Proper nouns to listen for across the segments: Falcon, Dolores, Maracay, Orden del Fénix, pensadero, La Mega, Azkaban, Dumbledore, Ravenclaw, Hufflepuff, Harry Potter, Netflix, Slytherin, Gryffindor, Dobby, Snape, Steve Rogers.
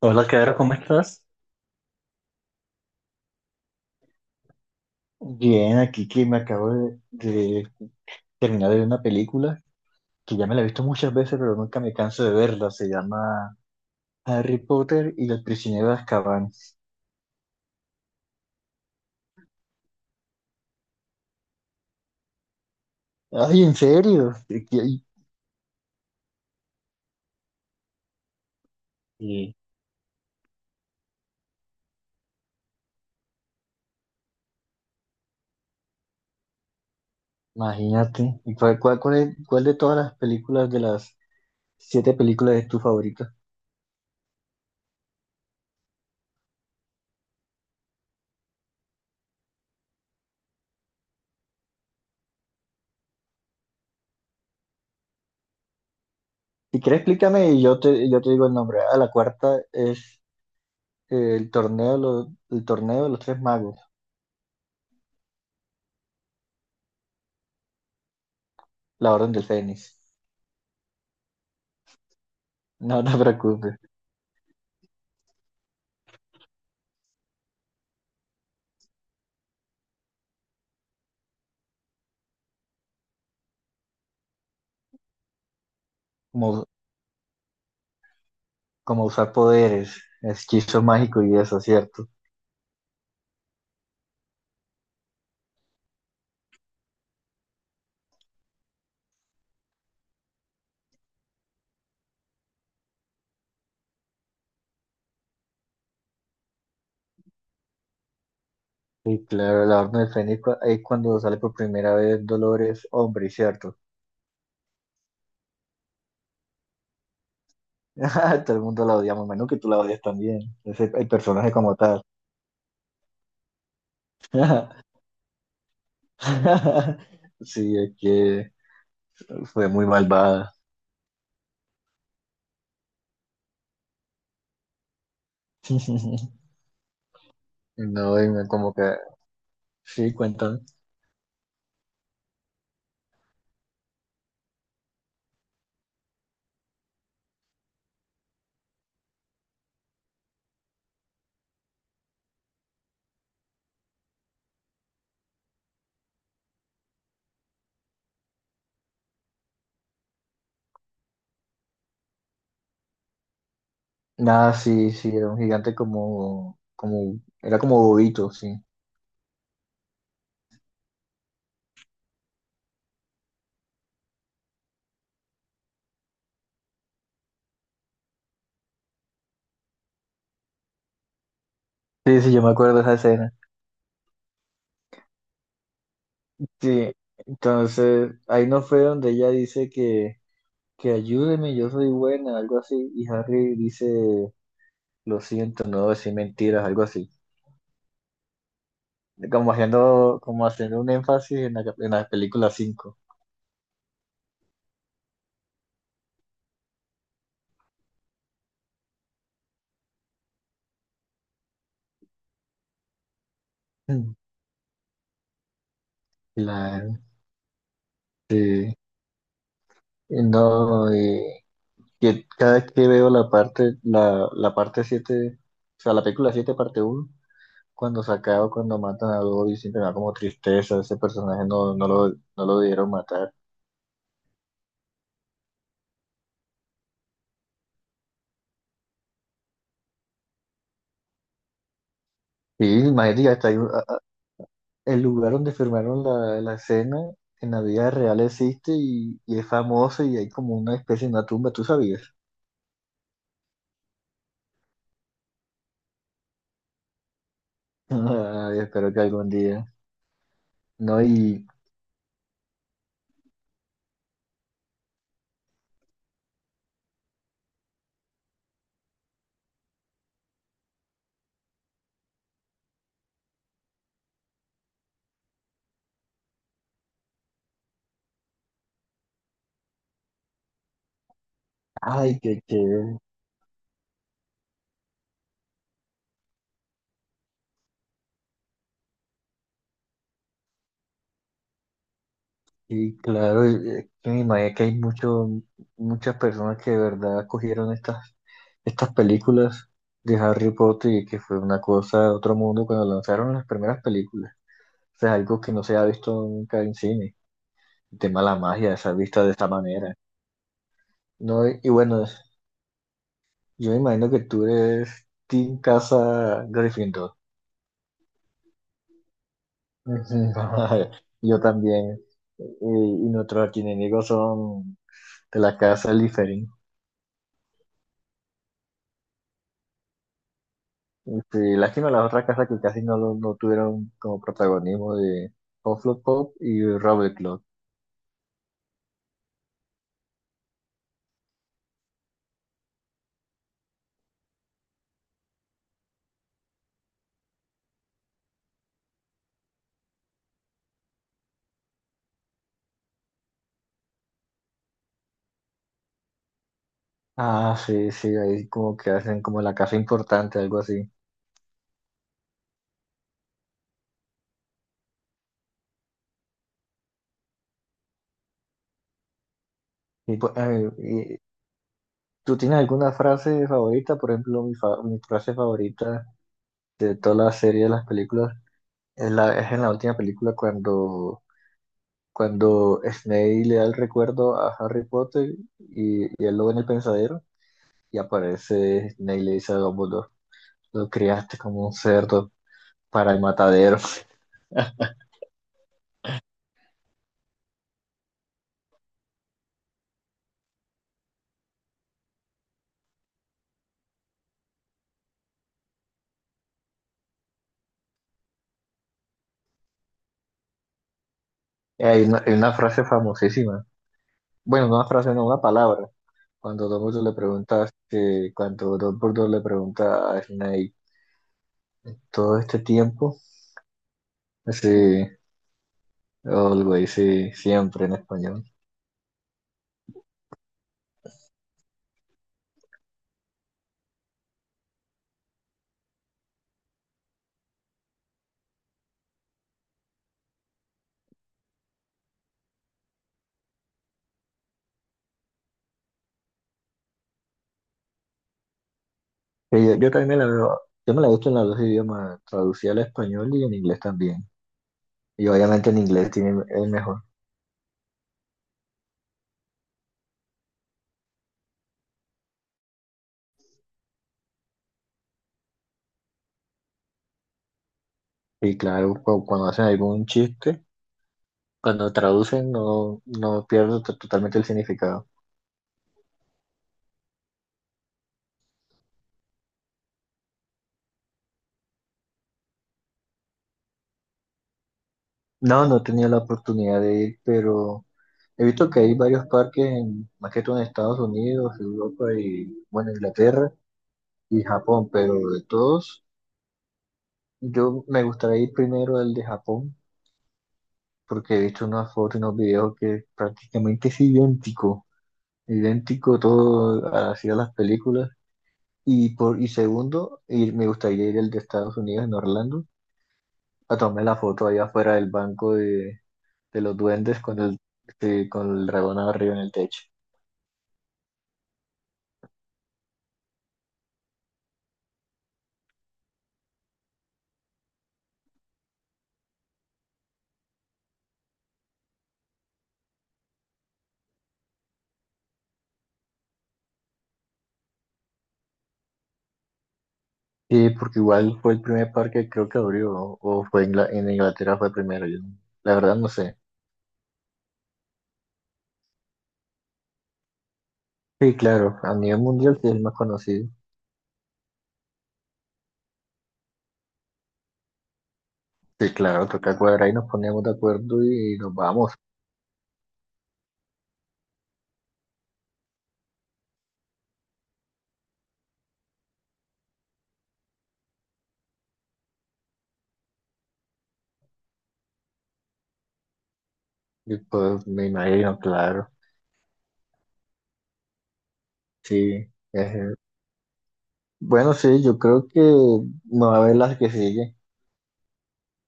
Hola, Caro, ¿cómo estás? Bien, aquí que me acabo de terminar de ver una película que ya me la he visto muchas veces, pero nunca me canso de verla. Se llama Harry Potter y el prisionero de Azkaban. Ay, ¿en serio? Y- Imagínate. ¿Y cuál de todas las películas, de las siete películas, es tu favorita? Si quieres, explícame y yo te digo el nombre. Ah, la cuarta es el torneo, el torneo de los tres magos, la Orden del Fénix. No, te preocupes. Como usar poderes, hechizo mágico y eso, ¿cierto? Y claro, la Orden del Fénix ahí cuando sale por primera vez Dolores, hombre, ¿cierto? Ah, todo el mundo la odiamos, menos que tú la odias también, es el personaje como tal. Sí, es que fue muy malvada. No, y como que, sí, cuentan. Nada, sí, sí, era un gigante era como bobito, sí. Sí, sí, yo me acuerdo de esa escena. Sí, entonces ahí no fue donde ella dice que ayúdeme, yo soy buena, algo así, y Harry dice, lo siento, no voy a decir mentiras, algo así, como haciendo un énfasis en la película cinco. Mm. Claro, sí. Y no, y que cada vez que veo la parte siete, o sea, la película 7 parte uno, cuando sacaba, cuando matan a Dobby, siempre me da como tristeza, ese personaje no, no lo dieron matar. Sí, imagínate, hasta hay el lugar donde firmaron la escena en la vida real existe y es famoso y hay como una especie de una tumba, ¿tú sabías? Ay, espero que algún día. No, y, ay, y claro, es que me imagino que hay muchas personas que de verdad cogieron estas películas de Harry Potter y que fue una cosa de otro mundo cuando lanzaron las primeras películas. O sea, algo que no se ha visto nunca en cine. El tema de la magia, se ha visto de esta manera. No, y bueno, yo me imagino que tú eres Team Casa Gryffindor. Ujú. Yo también. Y, y nuestros archienemigos son de la casa Slytherin. Y sí, lástima las otras casas que casi no, no tuvieron como protagonismo de Hufflepuff y Ravenclaw. Ah, sí, sí, ahí como que hacen como la casa importante, algo así. Y, pues, ¿tú tienes alguna frase favorita? Por ejemplo, mi frase favorita de toda la serie de las películas es en la última película cuando Snape le da el recuerdo a Harry Potter y él lo ve en el pensadero y aparece Snape y le dice a Dumbledore, lo criaste como un cerdo para el matadero. Y hay una frase famosísima, bueno, no una frase, no, una palabra. Cuando Dumbledore le pregunta a Snape todo este tiempo, así, algo dice siempre en español. Sí, yo también me la veo, yo me la he visto en los dos idiomas, traducida al español y en inglés también. Y obviamente en inglés tiene el mejor. Y claro, cuando hacen algún chiste, cuando traducen no pierdo totalmente el significado. No, no tenía la oportunidad de ir, pero he visto que hay varios parques, más que todo en Estados Unidos, Europa y, bueno, Inglaterra y Japón, pero de todos, yo me gustaría ir primero al de Japón, porque he visto unas fotos y unos videos que es prácticamente es idéntico. Idéntico todo así a las películas. Y, y segundo, me gustaría ir al de Estados Unidos, en Orlando, a tomar la foto allá afuera del banco de los duendes con el dragón arriba en el techo. Sí, porque igual fue el primer parque que creo que abrió, o fue en Inglaterra fue primero, yo no- la verdad no sé. Sí, claro, a nivel mundial sí es el más conocido. Sí, claro, toca cuadrar y nos ponemos de acuerdo y, nos vamos. Y pues me imagino, claro, sí, es Bueno, sí, yo creo que me va a ver las que sigue,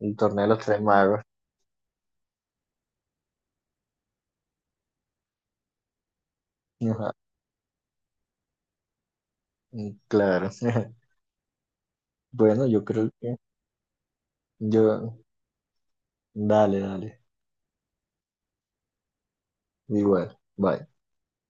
el torneo de los tres magos. Ajá, mm, claro. Bueno, yo creo que yo, dale, dale, igual. Bye.